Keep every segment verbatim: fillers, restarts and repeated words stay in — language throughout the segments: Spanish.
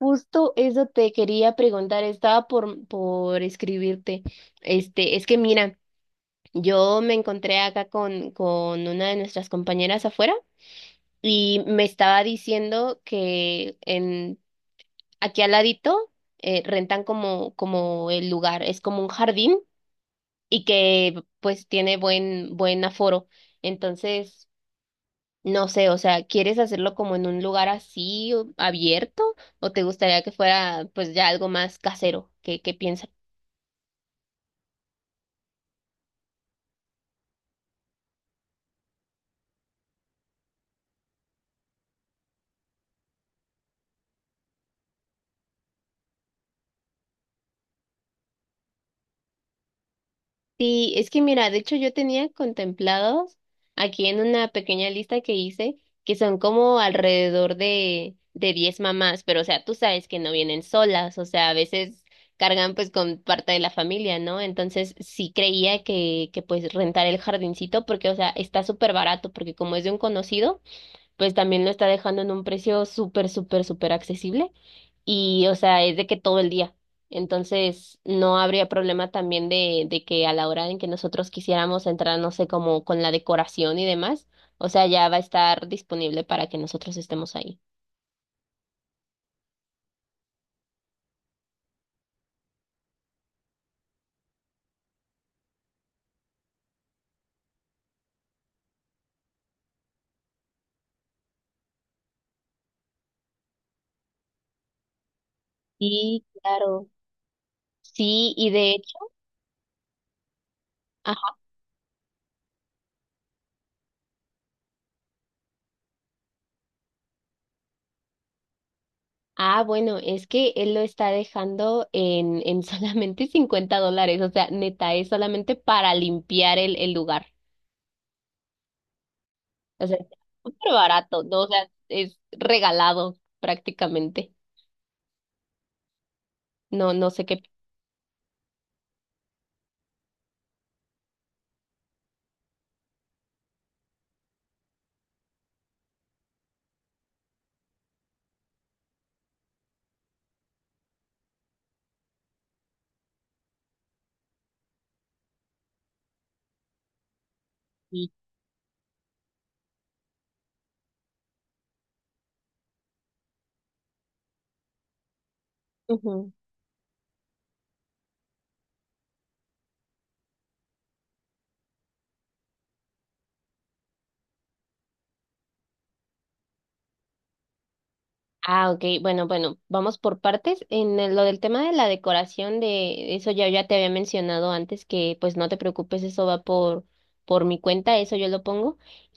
Justo eso te quería preguntar, estaba por, por escribirte. Este, es que mira, yo me encontré acá con, con una de nuestras compañeras afuera y me estaba diciendo que en aquí al ladito eh, rentan como, como el lugar, es como un jardín y que pues tiene buen, buen aforo. Entonces, no sé, o sea, ¿quieres hacerlo como en un lugar así o- abierto o te gustaría que fuera pues ya algo más casero? ¿Qué, qué piensas? Sí, es que mira, de hecho yo tenía contemplados aquí en una pequeña lista que hice que son como alrededor de de diez mamás, pero o sea, tú sabes que no vienen solas, o sea, a veces cargan pues con parte de la familia, ¿no? Entonces sí creía que que pues rentar el jardincito porque o sea, está súper barato porque como es de un conocido pues también lo está dejando en un precio súper, súper, súper accesible y, o sea, es de que todo el día. Entonces, no habría problema también de, de que a la hora en que nosotros quisiéramos entrar, no sé, como con la decoración y demás, o sea, ya va a estar disponible para que nosotros estemos ahí. Sí, claro. Sí, y de hecho, ajá. Ah, bueno, es que él lo está dejando en, en solamente cincuenta dólares, o sea, neta, es solamente para limpiar el, el lugar. O sea, está súper barato, ¿no? O sea, es regalado prácticamente. No, no sé qué. Sí. Ujú. Ah, ok, bueno, bueno, vamos por partes. En el- lo del tema de la decoración de eso ya, ya te había mencionado antes que pues no te preocupes, eso va por, por mi cuenta, eso yo lo pongo.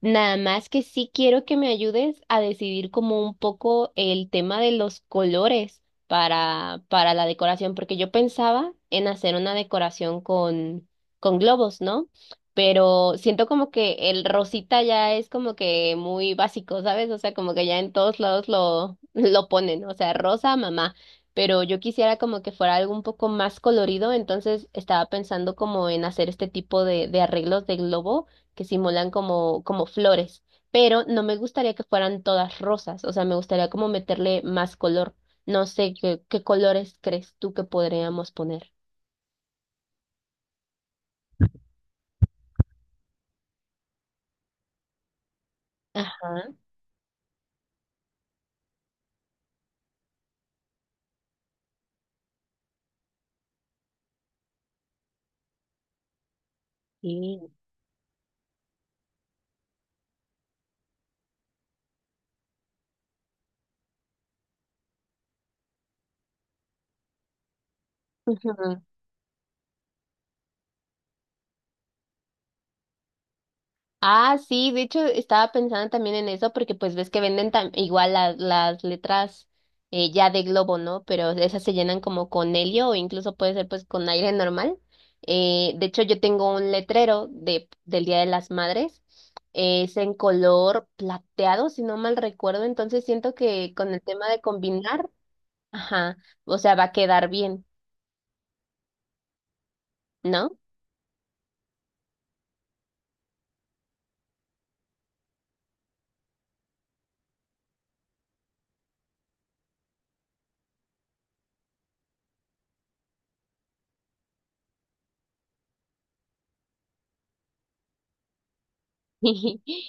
Nada más que sí quiero que me ayudes a decidir como un poco el tema de los colores para, para la decoración, porque yo pensaba en hacer una decoración con, con globos, ¿no? Pero siento como que el rosita ya es como que muy básico, ¿sabes? O sea, como que ya en todos lados lo, lo ponen, o sea, rosa, mamá, pero yo quisiera como que fuera algo un poco más colorido, entonces estaba pensando como en hacer este tipo de, de arreglos de globo que simulan como, como flores, pero no me gustaría que fueran todas rosas, o sea, me gustaría como meterle más color. No sé qué, qué colores crees tú que podríamos poner. Ajá, sí. Ah, sí, de hecho estaba pensando también en eso porque pues ves que venden tam- igual las, las letras eh, ya de globo, ¿no? Pero esas se llenan como con helio o incluso puede ser pues con aire normal. Eh, de hecho yo tengo un letrero de, del Día de las Madres, eh, es en color plateado, si no mal recuerdo, entonces siento que con el tema de combinar, ajá, o sea, va a quedar bien, ¿no?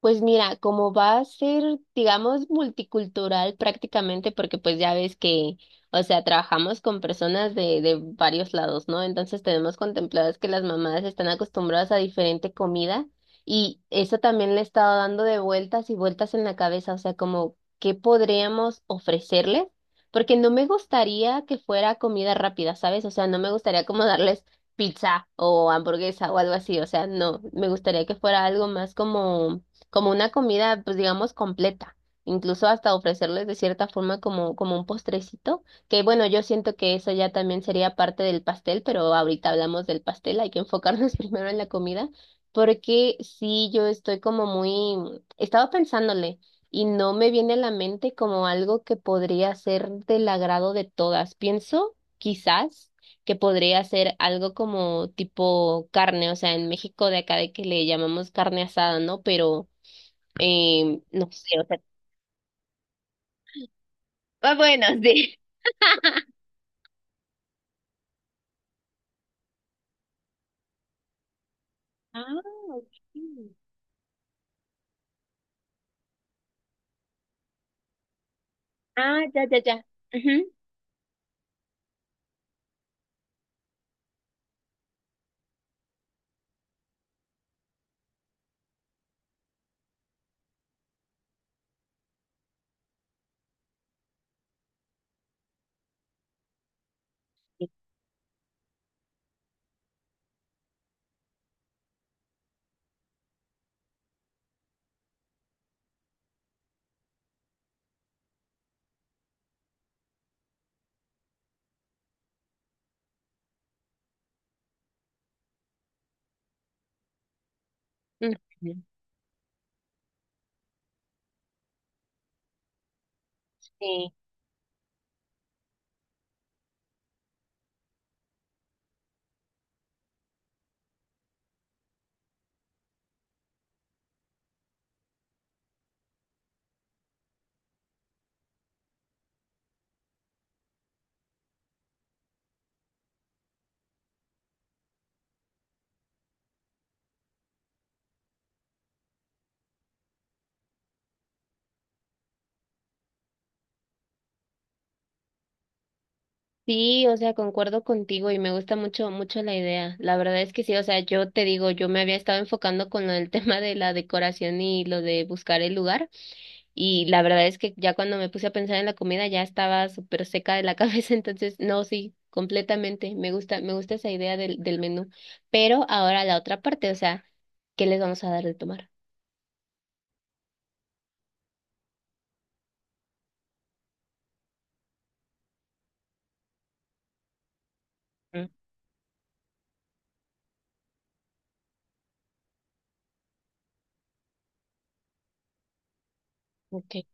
Pues mira, como va a ser, digamos, multicultural prácticamente, porque pues ya ves que, o sea, trabajamos con personas de, de varios lados, ¿no? Entonces tenemos contempladas que las mamás están acostumbradas a diferente comida y eso también le he estado dando de vueltas y vueltas en la cabeza, o sea, como, ¿qué podríamos ofrecerles? Porque no me gustaría que fuera comida rápida, ¿sabes? O sea, no me gustaría como darles pizza o hamburguesa o algo así, o sea, no, me gustaría que fuera algo más como como una comida, pues digamos, completa, incluso hasta ofrecerles de cierta forma como, como un postrecito, que bueno, yo siento que eso ya también sería parte del pastel, pero ahorita hablamos del pastel, hay que enfocarnos primero en la comida, porque sí, yo estoy como muy, estaba pensándole. Y no me viene a la mente como algo que podría ser del agrado de todas. Pienso, quizás, que podría ser algo como tipo carne, o sea, en México de acá de que le llamamos carne asada, ¿no? Pero eh, no sé, o sea, ah, bueno, sí. Ah, ok. Ah, ya, ya, ya. Ujú. Ujú. Sí. Sí, o sea, concuerdo contigo y me gusta mucho, mucho la idea. La verdad es que sí, o sea, yo te digo, yo me había estado enfocando con lo del tema de la decoración y lo de buscar el lugar y la verdad es que ya cuando me puse a pensar en la comida ya estaba súper seca de la cabeza, entonces no, sí, completamente. Me gusta, me gusta esa idea del, del menú. Pero ahora la otra parte, o sea, ¿qué les vamos a dar de tomar? Mm, okay.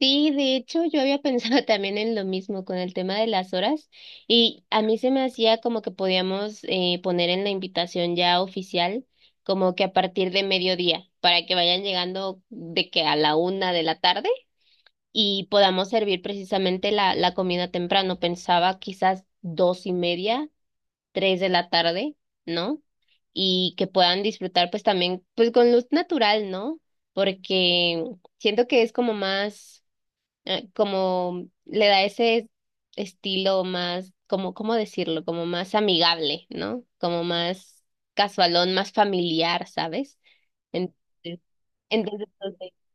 Sí, de hecho yo había pensado también en lo mismo con el tema de las horas y a mí se me hacía como que podíamos eh, poner en la invitación ya oficial como que a partir de mediodía para que vayan llegando de que a la una de la tarde y podamos servir precisamente la, la comida temprano. Pensaba quizás dos y media, tres de la tarde, ¿no? Y que puedan disfrutar pues también pues con luz natural, ¿no? Porque siento que es como más eh, como le da ese estilo más, como, ¿cómo decirlo? Como más amigable, ¿no? Como más casualón, más familiar, ¿sabes? Entonces, entonces, ok.